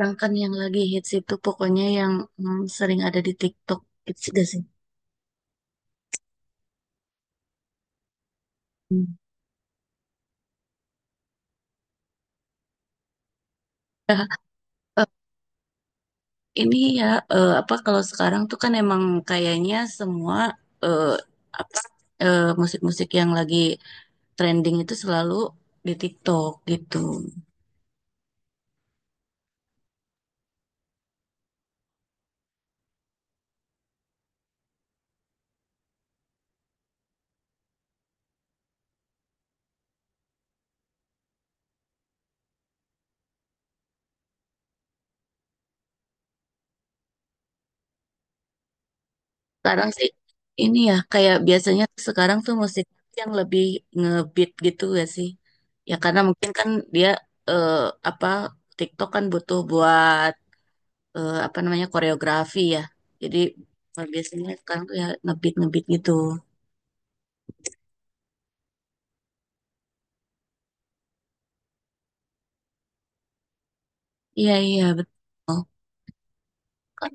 Rangkan yang lagi hits itu pokoknya yang sering ada di TikTok hits gak sih? Hmm. Nah, eh, ini ya, apa kalau sekarang tuh kan emang kayaknya semua, eh, apa, musik-musik yang lagi trending itu selalu di TikTok gitu. Sekarang sih ini ya kayak biasanya tuh sekarang tuh musik yang lebih ngebeat gitu gak sih? Ya karena mungkin kan dia, eh, apa, TikTok kan butuh buat apa namanya, koreografi ya. Jadi biasanya sekarang tuh ya ngebeat ngebeat gitu. Iya iya betul. Kan,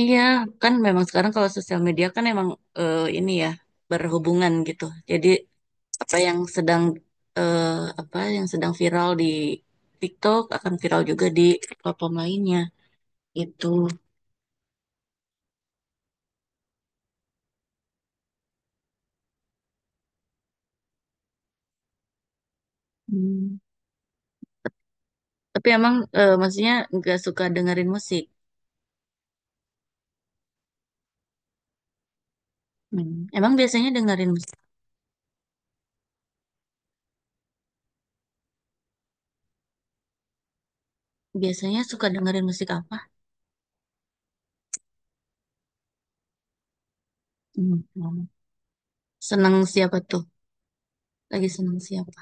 iya kan memang sekarang kalau sosial media kan emang, ini ya, berhubungan gitu. Jadi apa yang sedang, eh, apa yang sedang viral di TikTok akan viral juga di platform lainnya itu. Tapi emang maksudnya nggak suka dengerin musik. Hmm. Emang biasanya dengerin musik, biasanya suka dengerin musik apa? Hmm. Seneng siapa tuh? Lagi seneng siapa?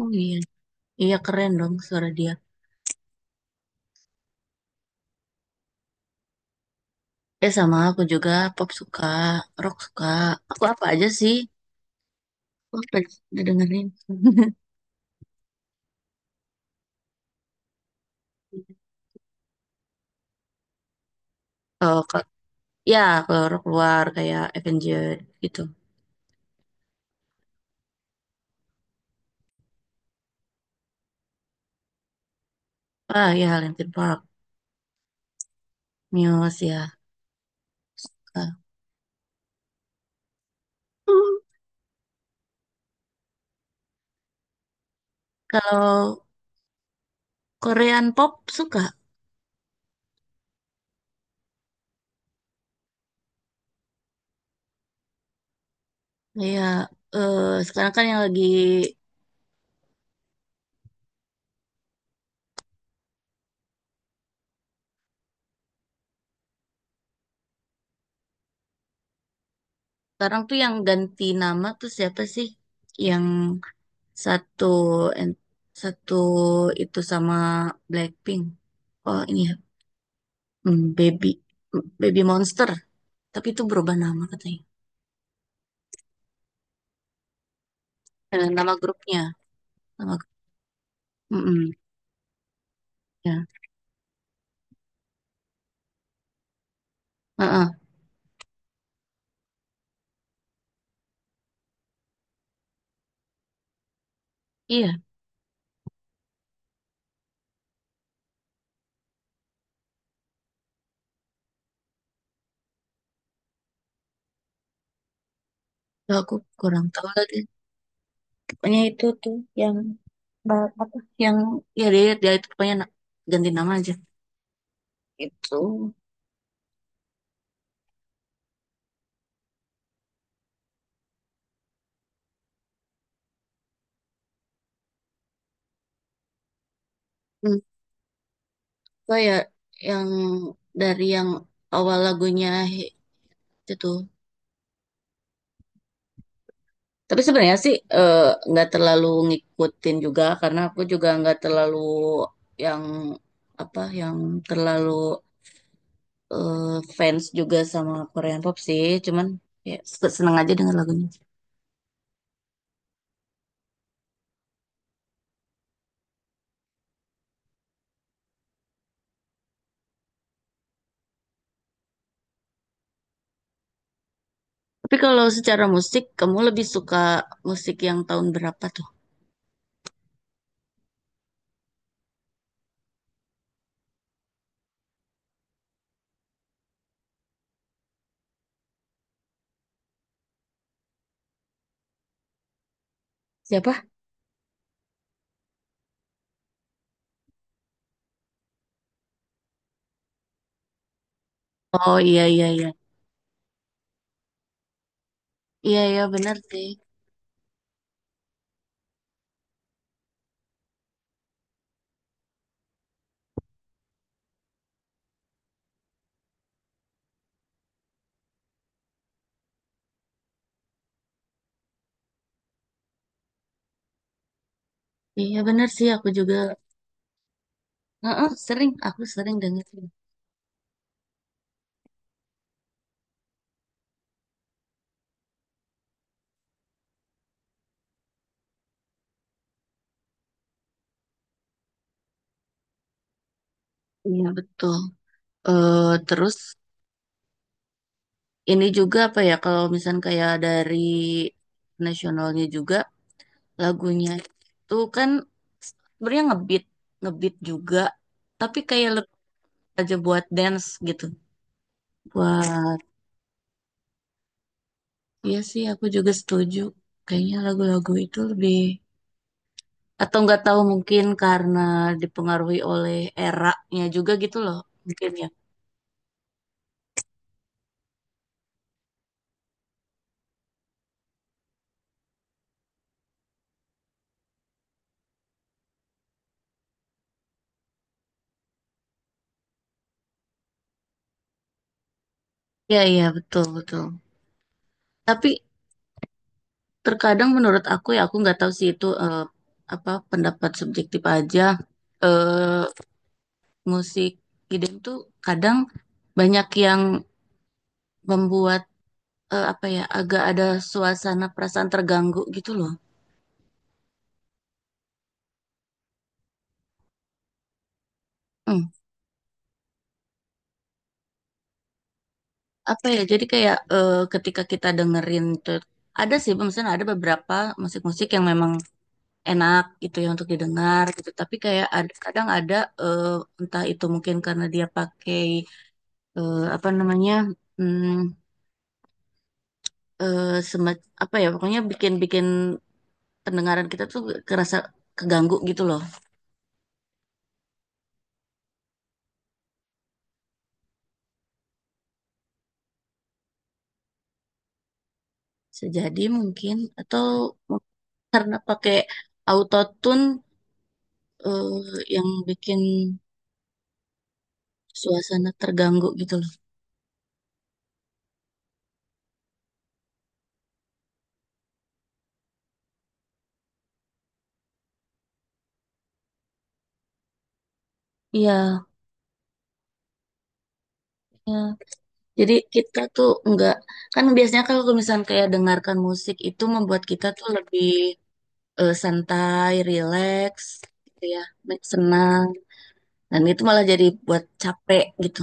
Oh iya, iya keren dong suara dia. Eh sama aku juga, pop suka, rock suka. Aku apa aja sih? Aku udah dengerin. Oh, ke, ya kalau rock luar kayak Avenger gitu. Ah ya Linkin Park, Muse ya. Ka- hmm, kalau Korean pop suka kayak eh, sekarang kan yang lagi sekarang tuh yang ganti nama tuh siapa sih? Yang satu en- satu itu sama Blackpink. Oh ini ya, hmm, Baby Baby Monster. Tapi itu berubah nama katanya. Eh, nama grupnya. Nama gru- mm-mm, ya. Heeh. Iya, tuh, aku kurang tahu lagi. Pokoknya itu tuh yang ba- apa? Yang ya dia dia itu pokoknya na- ganti nama aja. Itu. Hmm. So ya yang dari yang awal lagunya he- itu tuh. Tapi sebenarnya sih nggak terlalu ngikutin juga karena aku juga nggak terlalu yang apa yang terlalu, eh, fans juga sama Korean pop sih. Cuman ya se- seneng aja dengan lagunya. Tapi kalau secara musik kamu lebih suka musik yang tahun berapa tuh? Siapa? Oh iya iya iya. Iya iya benar sih. Iya benar sih aku juga. Heeh, sering aku sering denger. Iya betul. Eh terus ini juga apa ya kalau misalnya kayak dari nasionalnya juga lagunya itu kan sebenarnya ngebeat ngebeat juga, tapi kayak lebih aja buat dance gitu buat, iya sih aku juga setuju, kayaknya lagu-lagu itu lebih, atau nggak tahu mungkin karena dipengaruhi oleh eranya juga gitu loh, mungkin ya. Iya iya betul betul, tapi terkadang menurut aku ya aku nggak tahu sih itu, apa pendapat subjektif aja. eh musik idem tuh kadang banyak yang membuat, apa ya, agak ada suasana perasaan terganggu gitu loh. Hmm, apa ya? Jadi kayak, ketika kita dengerin tuh, ada sih, misalnya ada beberapa musik-musik yang memang enak gitu ya untuk didengar gitu. Tapi kayak ad- kadang ada eh, entah itu mungkin karena dia pakai, apa namanya? Hmm, semat- apa ya pokoknya bikin-bikin pendengaran kita tuh kerasa keganggu gitu loh. Sejadi mungkin atau mungkin karena pakai autotune, eh, yang bikin suasana terganggu gitu loh. Iya. Iya. Jadi kita tuh nggak, kan biasanya kalau misalnya kayak dengarkan musik itu membuat kita tuh lebih, santai, rileks gitu ya, senang. Dan itu malah jadi buat capek gitu.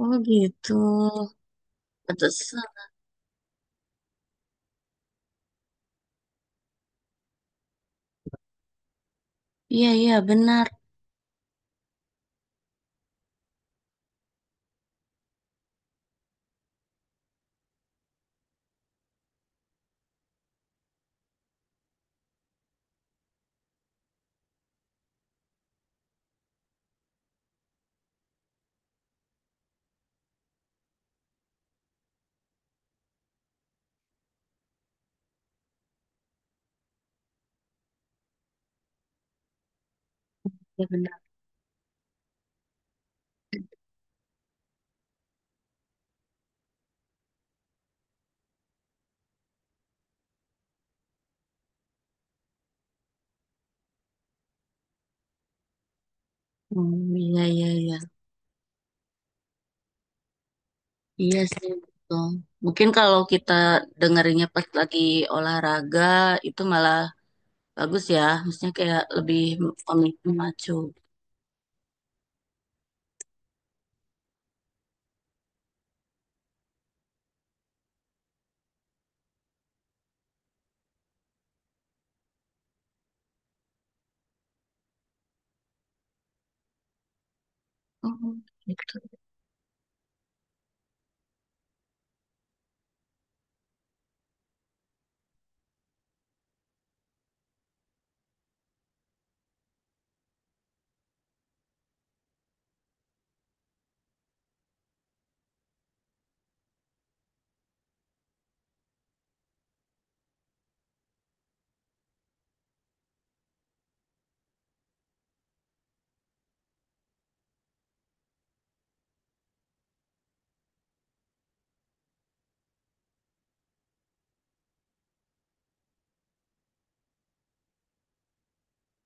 Oh gitu. Pantesan. Iya iya benar. Iya benar. Hmm, iya iya iya. Iya sih betul. Mungkin kalau kita dengerinnya pas lagi olahraga itu malah bagus ya. Maksudnya kayak lebih memacu. Oh, gitu.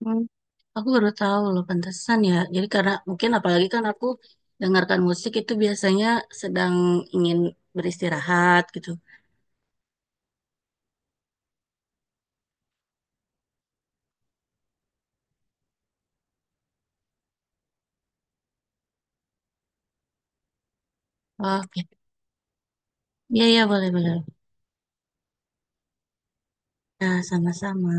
Hmm. Aku baru tahu loh, pantesan ya. Jadi karena mungkin apalagi kan aku dengarkan musik itu biasanya sedang ingin beristirahat gitu. Oh, oke. Iya iya boleh boleh. Nah, sama-sama.